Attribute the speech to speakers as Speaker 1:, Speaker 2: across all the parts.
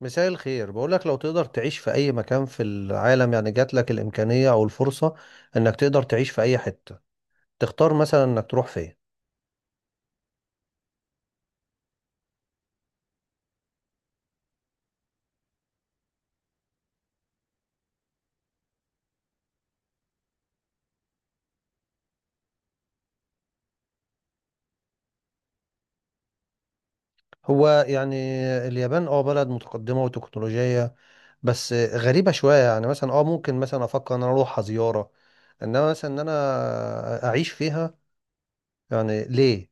Speaker 1: مساء الخير. بقولك لو تقدر تعيش في أي مكان في العالم، يعني جات لك الإمكانية أو الفرصة إنك تقدر تعيش في أي حتة، تختار مثلا إنك تروح فين؟ هو يعني اليابان اه بلد متقدمة وتكنولوجية، بس غريبة شوية. يعني مثلا اه ممكن مثلا أفكر إن أنا أروحها زيارة، إنما مثلا إن أنا أعيش فيها، يعني ليه؟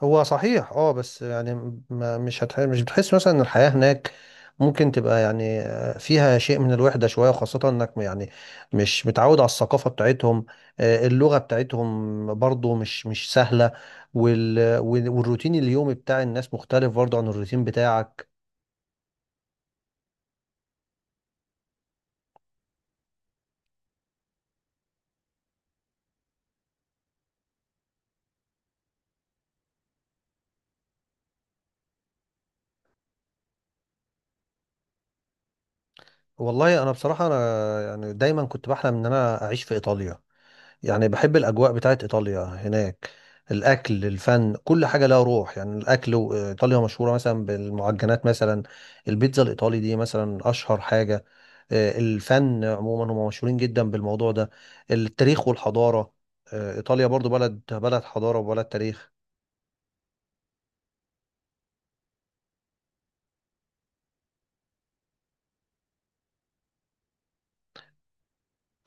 Speaker 1: هو صحيح اه، بس يعني ما مش بتحس مثلا ان الحياة هناك ممكن تبقى يعني فيها شيء من الوحدة شوية؟ وخاصة انك يعني مش متعود على الثقافة بتاعتهم. اللغة بتاعتهم برضو مش سهلة. وال... وال- والروتين اليومي بتاع الناس مختلف برضو عن الروتين بتاعك. والله انا بصراحة يعني دايما كنت بحلم ان انا اعيش في ايطاليا. يعني بحب الأجواء بتاعت إيطاليا هناك، الأكل، الفن، كل حاجة لها روح. يعني إيطاليا مشهورة مثلا بالمعجنات، مثلا البيتزا الإيطالي دي مثلا أشهر حاجة. الفن عموما هم مشهورين جدا بالموضوع ده، التاريخ والحضارة. إيطاليا برضو بلد حضارة وبلد تاريخ.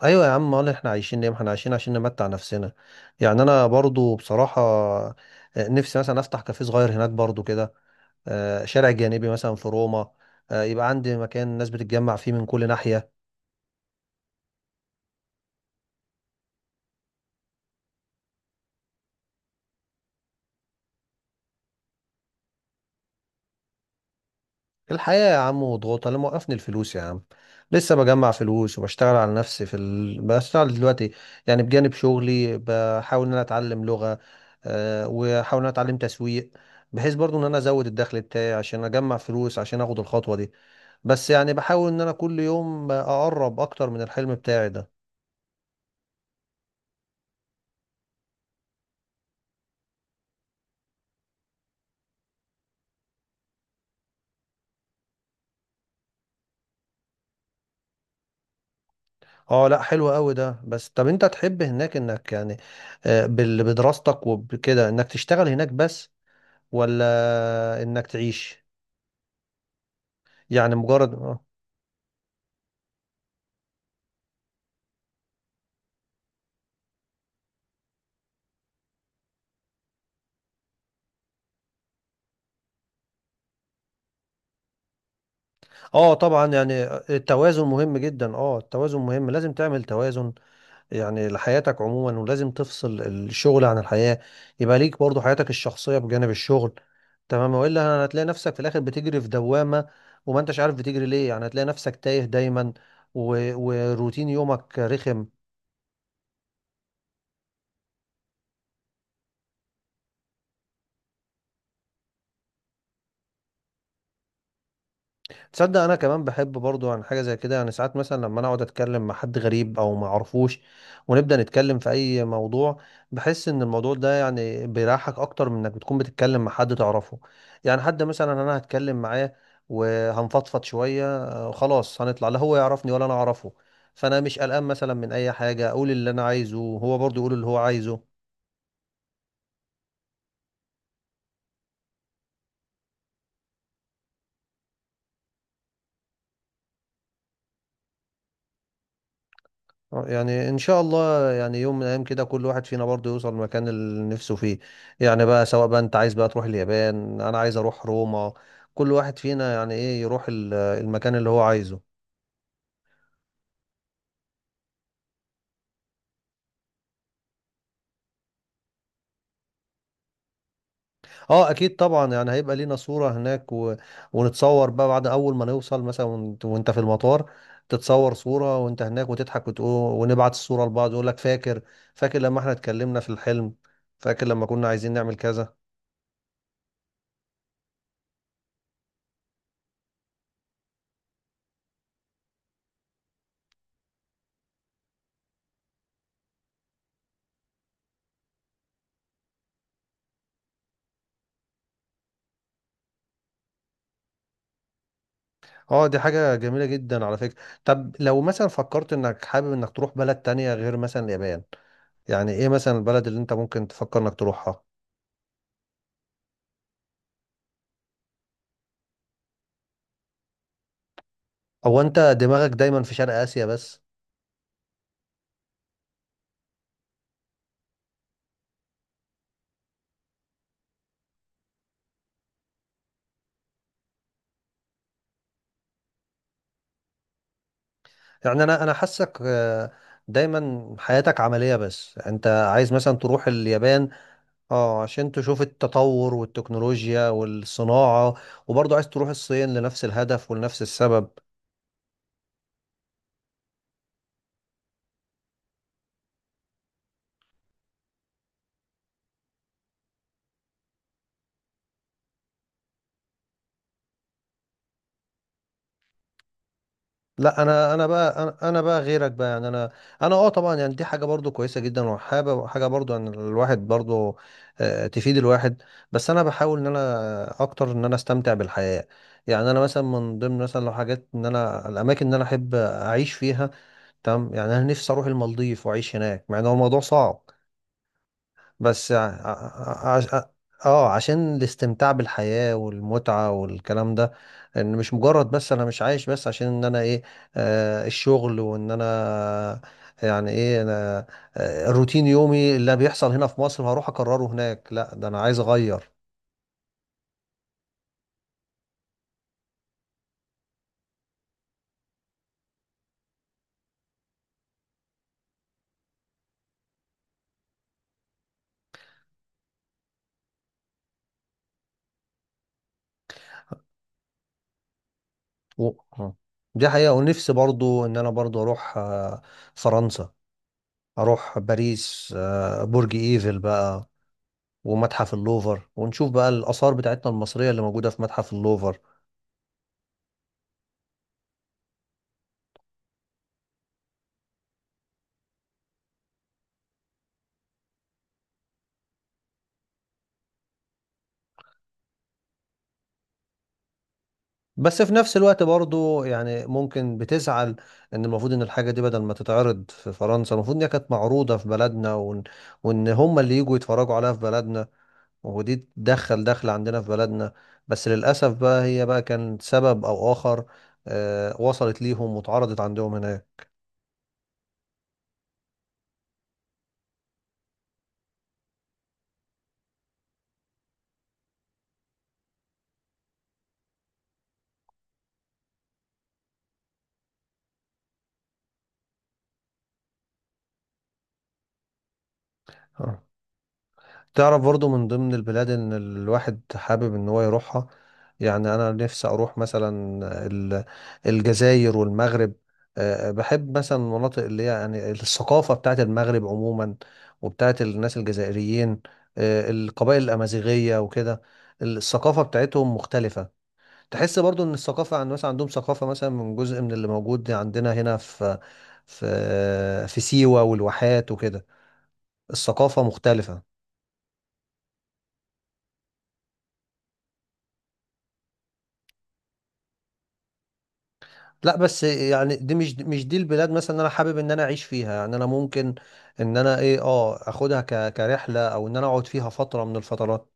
Speaker 1: أيوة يا عم، أمال إحنا عايشين ليه؟ ما إحنا عايشين عشان نمتع نفسنا. يعني أنا برضو بصراحة نفسي مثلا أفتح كافيه صغير هناك برضو كده، شارع جانبي مثلا في روما، يبقى عندي مكان الناس بتتجمع فيه من كل ناحية. الحياة يا عم وضغوطها اللي موقفني، الفلوس يا عم. لسه بجمع فلوس وبشتغل على نفسي بشتغل دلوقتي يعني بجانب شغلي، بحاول ان انا اتعلم لغة، وحاول ان انا اتعلم تسويق، بحيث برضو ان انا ازود الدخل بتاعي عشان اجمع فلوس عشان اخد الخطوة دي. بس يعني بحاول ان انا كل يوم اقرب اكتر من الحلم بتاعي ده. اه لا حلو قوي ده. بس طب انت تحب هناك انك يعني بدراستك وبكده انك تشتغل هناك بس، ولا انك تعيش؟ يعني مجرد اه. آه طبعا، يعني التوازن مهم جدا. اه التوازن مهم، لازم تعمل توازن يعني لحياتك عموما، ولازم تفصل الشغل عن الحياة، يبقى ليك برضو حياتك الشخصية بجانب الشغل. تمام، والا هتلاقي نفسك في الاخر بتجري في دوامة وما انتش عارف بتجري ليه. يعني هتلاقي نفسك تايه دايما، و... وروتين يومك رخم. تصدق انا كمان بحب برضو عن حاجه زي كده. يعني ساعات مثلا لما انا اقعد اتكلم مع حد غريب او ما اعرفوش، ونبدا نتكلم في اي موضوع، بحس ان الموضوع ده يعني بيريحك اكتر من انك بتكون بتتكلم مع حد تعرفه. يعني حد مثلا انا هتكلم معاه وهنفضفض شويه، خلاص هنطلع لا هو يعرفني ولا انا اعرفه. فانا مش قلقان مثلا من اي حاجه، اقول اللي انا عايزه وهو برضو يقول اللي هو عايزه. يعني ان شاء الله يعني يوم من الايام كده كل واحد فينا برضه يوصل المكان اللي نفسه فيه. يعني بقى سواء بقى انت عايز بقى تروح اليابان، انا عايز اروح روما. كل واحد فينا يعني ايه يروح المكان اللي هو عايزه. اه اكيد طبعا، يعني هيبقى لينا صورة هناك و... ونتصور بقى بعد اول ما نوصل مثلا وانت وإنت في المطار تتصور صورة وانت هناك وتضحك وتقول، ونبعت الصورة لبعض يقول لك فاكر؟ فاكر لما احنا اتكلمنا في الحلم؟ فاكر لما كنا عايزين نعمل كذا؟ اه دي حاجة جميلة جدا على فكرة. طب لو مثلا فكرت انك حابب انك تروح بلد تانية غير مثلا اليابان، يعني ايه مثلا البلد اللي انت ممكن تفكر انك تروحها؟ او انت دماغك دايما في شرق اسيا بس؟ يعني انا حاسك دايما حياتك عملية. بس انت عايز مثلا تروح اليابان اه عشان تشوف التطور والتكنولوجيا والصناعة، وبرضه عايز تروح الصين لنفس الهدف ولنفس السبب. لا انا بقى غيرك بقى. يعني انا انا اه طبعا يعني دي حاجه برضو كويسه جدا، وحابه حاجه برضو ان الواحد برضو تفيد الواحد، بس انا بحاول ان انا اكتر ان انا استمتع بالحياه. يعني انا مثلا من ضمن مثلا لو حاجات ان انا الاماكن اللي انا احب اعيش فيها، تمام، يعني انا نفسي اروح المالديف واعيش هناك مع ان هو الموضوع صعب. بس ع... ع... عش... ع- اه عشان الاستمتاع بالحياة والمتعة والكلام ده. ان مش مجرد بس انا مش عايش بس عشان ان انا ايه، آه الشغل وان انا يعني ايه انا آه الروتين يومي اللي بيحصل هنا في مصر هروح اكرره هناك. لا ده انا عايز اغير. و... آه. دي حقيقة. ونفسي برضو ان انا برضو اروح آه فرنسا، اروح باريس، آه برج ايفل بقى، ومتحف اللوفر، ونشوف بقى الآثار بتاعتنا المصرية اللي موجودة في متحف اللوفر. بس في نفس الوقت برضو يعني ممكن بتزعل ان المفروض ان الحاجة دي بدل ما تتعرض في فرنسا، المفروض ان هي كانت معروضة في بلدنا، وان, وإن هم اللي يجوا يتفرجوا عليها في بلدنا، ودي تدخل دخل عندنا في بلدنا. بس للأسف بقى هي بقى كان سبب او آخر وصلت ليهم واتعرضت عندهم هناك. تعرف برضو من ضمن البلاد ان الواحد حابب ان هو يروحها، يعني انا نفسي اروح مثلا ال- الجزائر والمغرب. بحب مثلا المناطق اللي هي يعني الثقافة بتاعت المغرب عموما، وبتاعت الناس الجزائريين، القبائل الأمازيغية وكده. الثقافة بتاعتهم مختلفة. تحس برضو ان الثقافة عن مثلا عندهم ثقافة مثلا من جزء من اللي موجود عندنا هنا في في سيوة والواحات وكده. الثقافة مختلفة. لا بس يعني دي مش البلاد مثلا إن انا حابب ان انا اعيش فيها. يعني انا ممكن ان انا ايه اه اخدها ك... كرحله او ان انا اقعد فيها فتره من الفترات،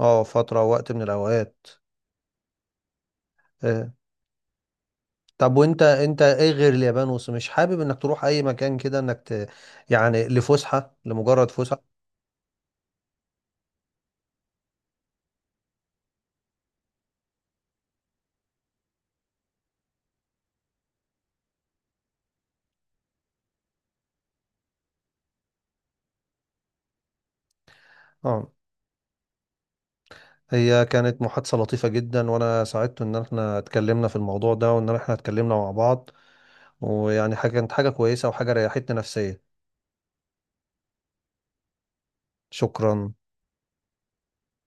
Speaker 1: اه فتره وقت من الاوقات. إيه. طب وانت انت ايه غير اليابان مش حابب انك تروح اي مكان كده انك ت...؟ يعني لفسحه، لمجرد فسحه. اه هي كانت محادثه لطيفه جدا، وانا سعدت ان احنا اتكلمنا في الموضوع ده وان احنا اتكلمنا مع بعض. ويعني حاجه كانت حاجه كويسه وحاجه ريحتني نفسيا. شكرا.